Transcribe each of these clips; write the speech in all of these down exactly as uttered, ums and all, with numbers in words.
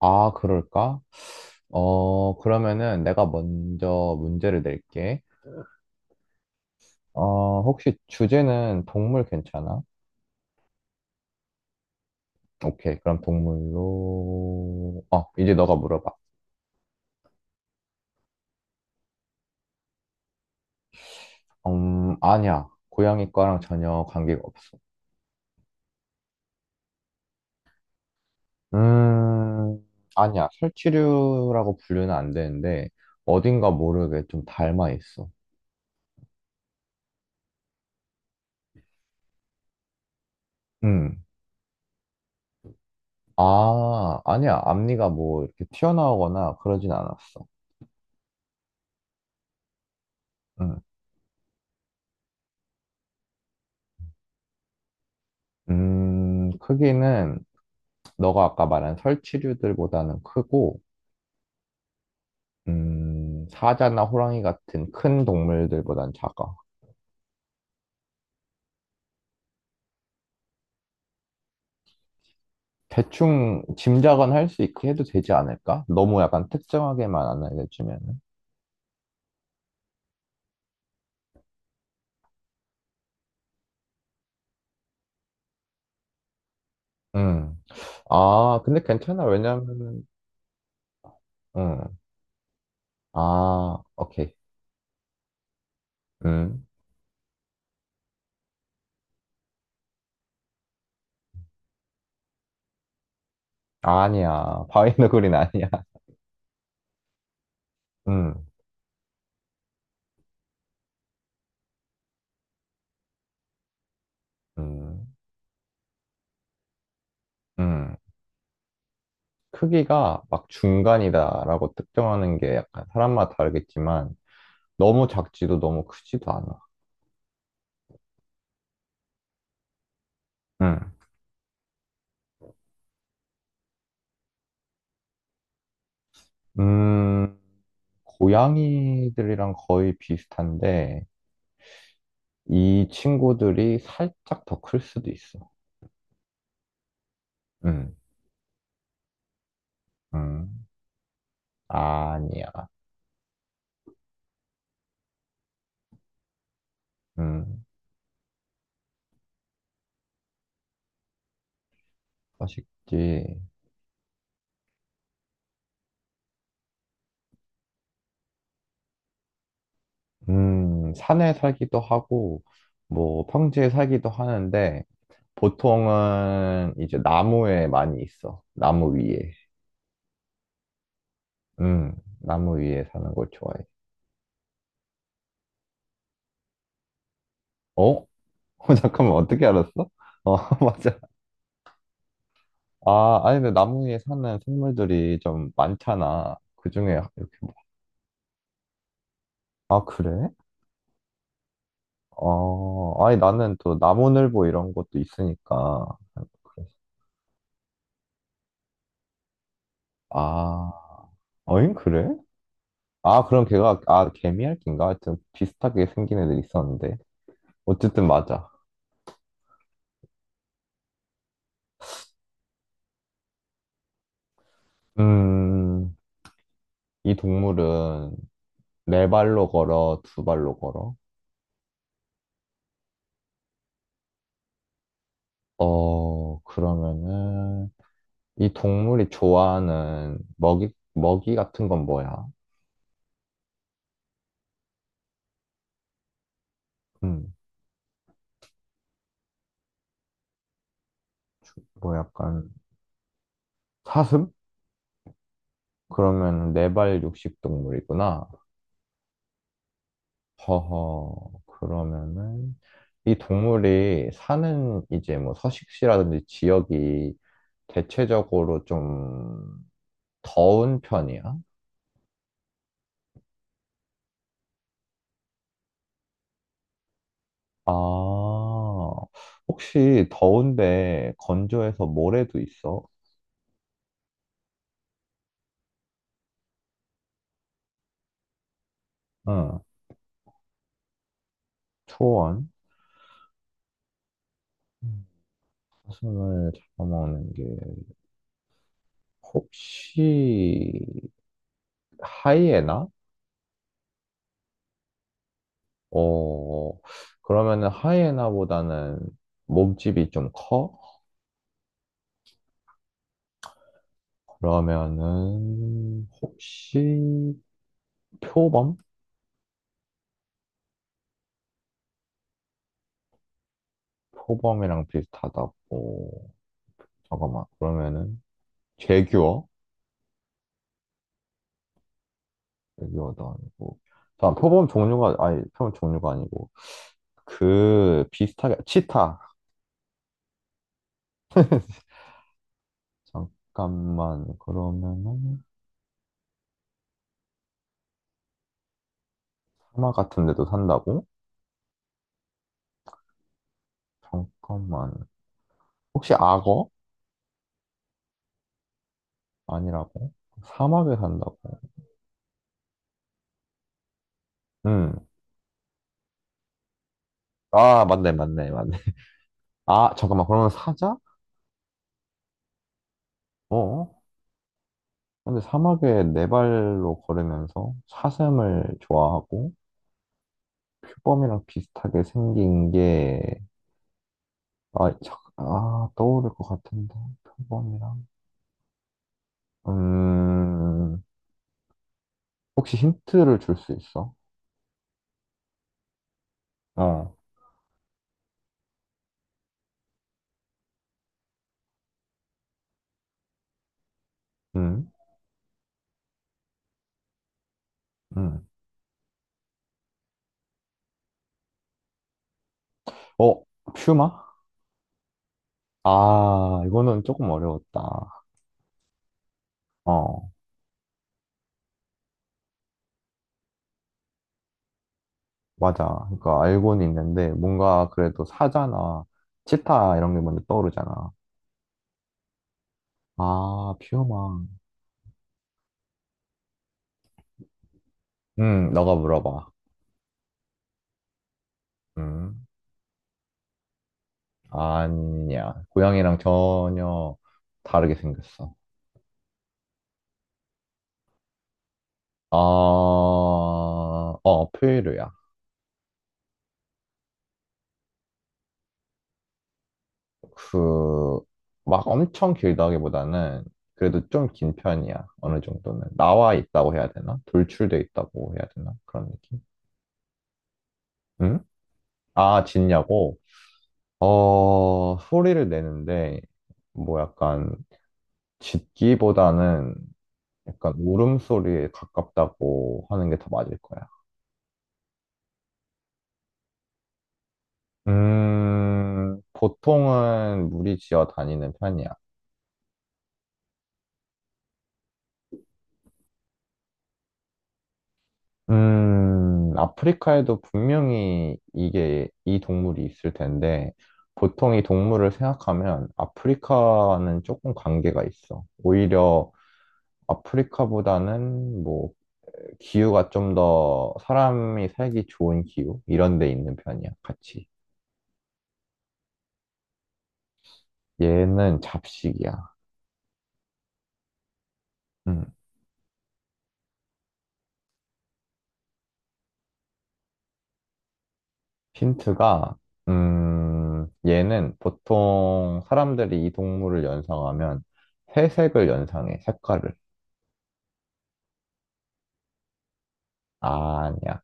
아, 그럴까? 어, 그러면은 내가 먼저 문제를 낼게. 어, 혹시 주제는 동물 괜찮아? 오케이, 그럼 동물로. 어, 이제 너가 물어봐. 음, 아니야. 고양이 과랑 전혀 관계가 없어. 음, 아니야. 설치류라고 분류는 안 되는데, 어딘가 모르게 좀 닮아 있어. 음. 아, 아니야. 앞니가 뭐 이렇게 튀어나오거나 그러진 않았어. 음. 음, 크기는 너가 아까 말한 설치류들보다는 크고, 음, 사자나 호랑이 같은 큰 동물들보단 작아. 대충 짐작은 할 수 있게 해도 되지 않을까? 너무 약간 특정하게만 안 알려주면은. 음. 아, 근데 괜찮아. 왜냐면은, 음. 아, 오케이. 음. 아니야. 바위너구리는 아니야. 음. 음. 음. 크기가 막 중간이다라고 특정하는 게 약간 사람마다 다르겠지만, 너무 작지도 너무 크지도 않아. 음. 음, 고양이들이랑 거의 비슷한데, 이 친구들이 살짝 더 클 수도 있어. 음, 음, 아니야. 음, 서식지. 음, 산에 살기도 하고, 뭐, 평지에 살기도 하는데, 보통은 이제 나무에 많이 있어. 나무 위에. 음, 나무 위에 사는 걸 좋아해. 어? 잠깐만, 어떻게 알았어? 어, 맞아. 아, 아니, 근데 나무 위에 사는 생물들이 좀 많잖아. 그중에 이렇게. 뭐- 아, 그래? 어, 아니, 나는 또 나무늘보 이런 것도 있으니까. 그래서. 아, 어잉, 그래? 아, 그럼 걔가, 아, 개미핥기인가? 하여튼 비슷하게 생긴 애들 있었는데. 어쨌든 맞아. 음, 이 동물은 네 발로 걸어, 두 발로 걸어? 어, 그러면은, 이 동물이 좋아하는 먹이, 먹이 같은 건 뭐야? 음. 뭐 약간 사슴? 그러면 네발 육식 동물이구나. 허허. 그러면은 이 동물이 사는 이제 뭐 서식지라든지 지역이 대체적으로 좀 더운 편이야? 아, 혹시 더운데 건조해서 모래도 있어? 응, 초원. 음, 사슴을 잡아먹는 게 혹시 하이에나? 어, 그러면은 하이에나보다는 몸집이 좀 커? 그러면은 혹시 표범? 표범이랑 비슷하다고. 잠깐만. 그러면은 제규어? 제규어도 아니고. 잠깐, 표범 종류가, 아니, 표범 종류가 아니고. 그 비슷하게, 치타. 잠깐만. 그러면은 사막 같은 데도 산다고? 잠깐만. 혹시 악어? 아니라고? 사막에 산다고? 음. 아, 맞네, 맞네, 맞네. 아, 잠깐만, 그러면 사자? 어? 근데 사막에 네 발로 걸으면서 사슴을 좋아하고 표범이랑 비슷하게 생긴 게, 아, 잠 아, 떠오를 것 같은데, 표범이랑. 음, 혹시 힌트를 줄 수 있어? 어, 음, 음. 어, 퓨마? 아, 이거는 조금 어려웠다. 어, 맞아. 그러니까 알고는 있는데, 뭔가 그래도 사자나 치타 이런 게 먼저 떠오르잖아. 아, 퓨어망. 음, 너가 물어봐. 음, 아니야. 고양이랑 전혀 다르게 생겼어. 아, 어, 포유류야. 그, 막 엄청 길다기보다는 그래도 좀 긴 편이야. 어느 정도는. 나와 있다고 해야 되나? 돌출돼 있다고 해야 되나? 그런 느낌? 응? 아, 짖냐고? 어, 소리를 내는데, 뭐 약간, 짖기보다는 약간 울음소리에 가깝다고 하는 게 더 맞을 거야. 음, 보통은 무리지어 다니는 편이야. 음, 아프리카에도 분명히 이게, 이 동물이 있을 텐데, 보통 이 동물을 생각하면 아프리카는 조금 관계가 있어. 오히려 아프리카보다는 뭐, 기후가 좀 더 사람이 살기 좋은 기후? 이런 데 있는 편이야, 같이. 얘는 잡식이야. 음. 힌트가, 음, 얘는 보통 사람들이 이 동물을 연상하면 회색을 연상해, 색깔을. 아, 아니야.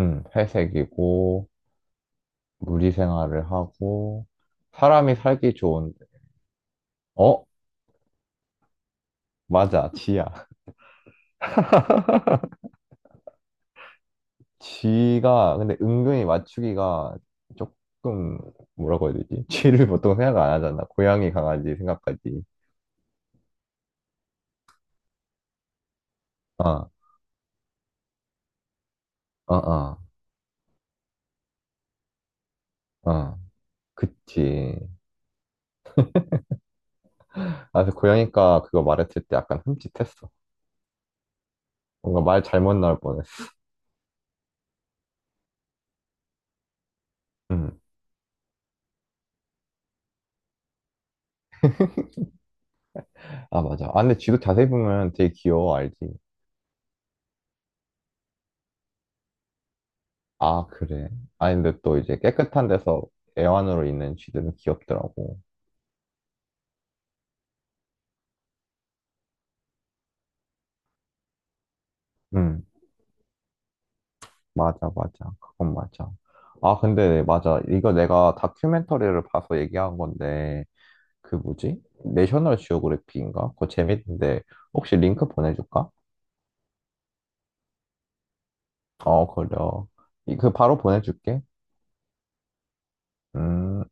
음, 회색이고, 무리 생활을 하고, 사람이 살기 좋은, 어? 맞아, 쥐야. 쥐가, 근데 은근히 맞추기가 조금, 뭐라고 해야 되지? 쥐를 보통 생각 안 하잖아. 고양이, 강아지 생각까지. 어, 어, 어, 어. 그치. 아, 그 고양이과 그거 말했을 때 약간 흠칫했어. 뭔가 말 잘못 나올 뻔했어. 음. 아, 맞아. 아, 근데 쥐도 자세히 보면 되게 귀여워, 알지? 아, 그래. 아, 근데 또 이제 깨끗한 데서 애완으로 있는 쥐들은 귀엽더라고. 음, 맞아, 맞아. 그건 맞아. 아, 근데 맞아. 이거 내가 다큐멘터리를 봐서 얘기한 건데, 그 뭐지? 내셔널 지오그래피인가? 그거 재밌는데, 혹시 링크 보내줄까? 어, 그래. 이- 그 바로 보내줄게. 음.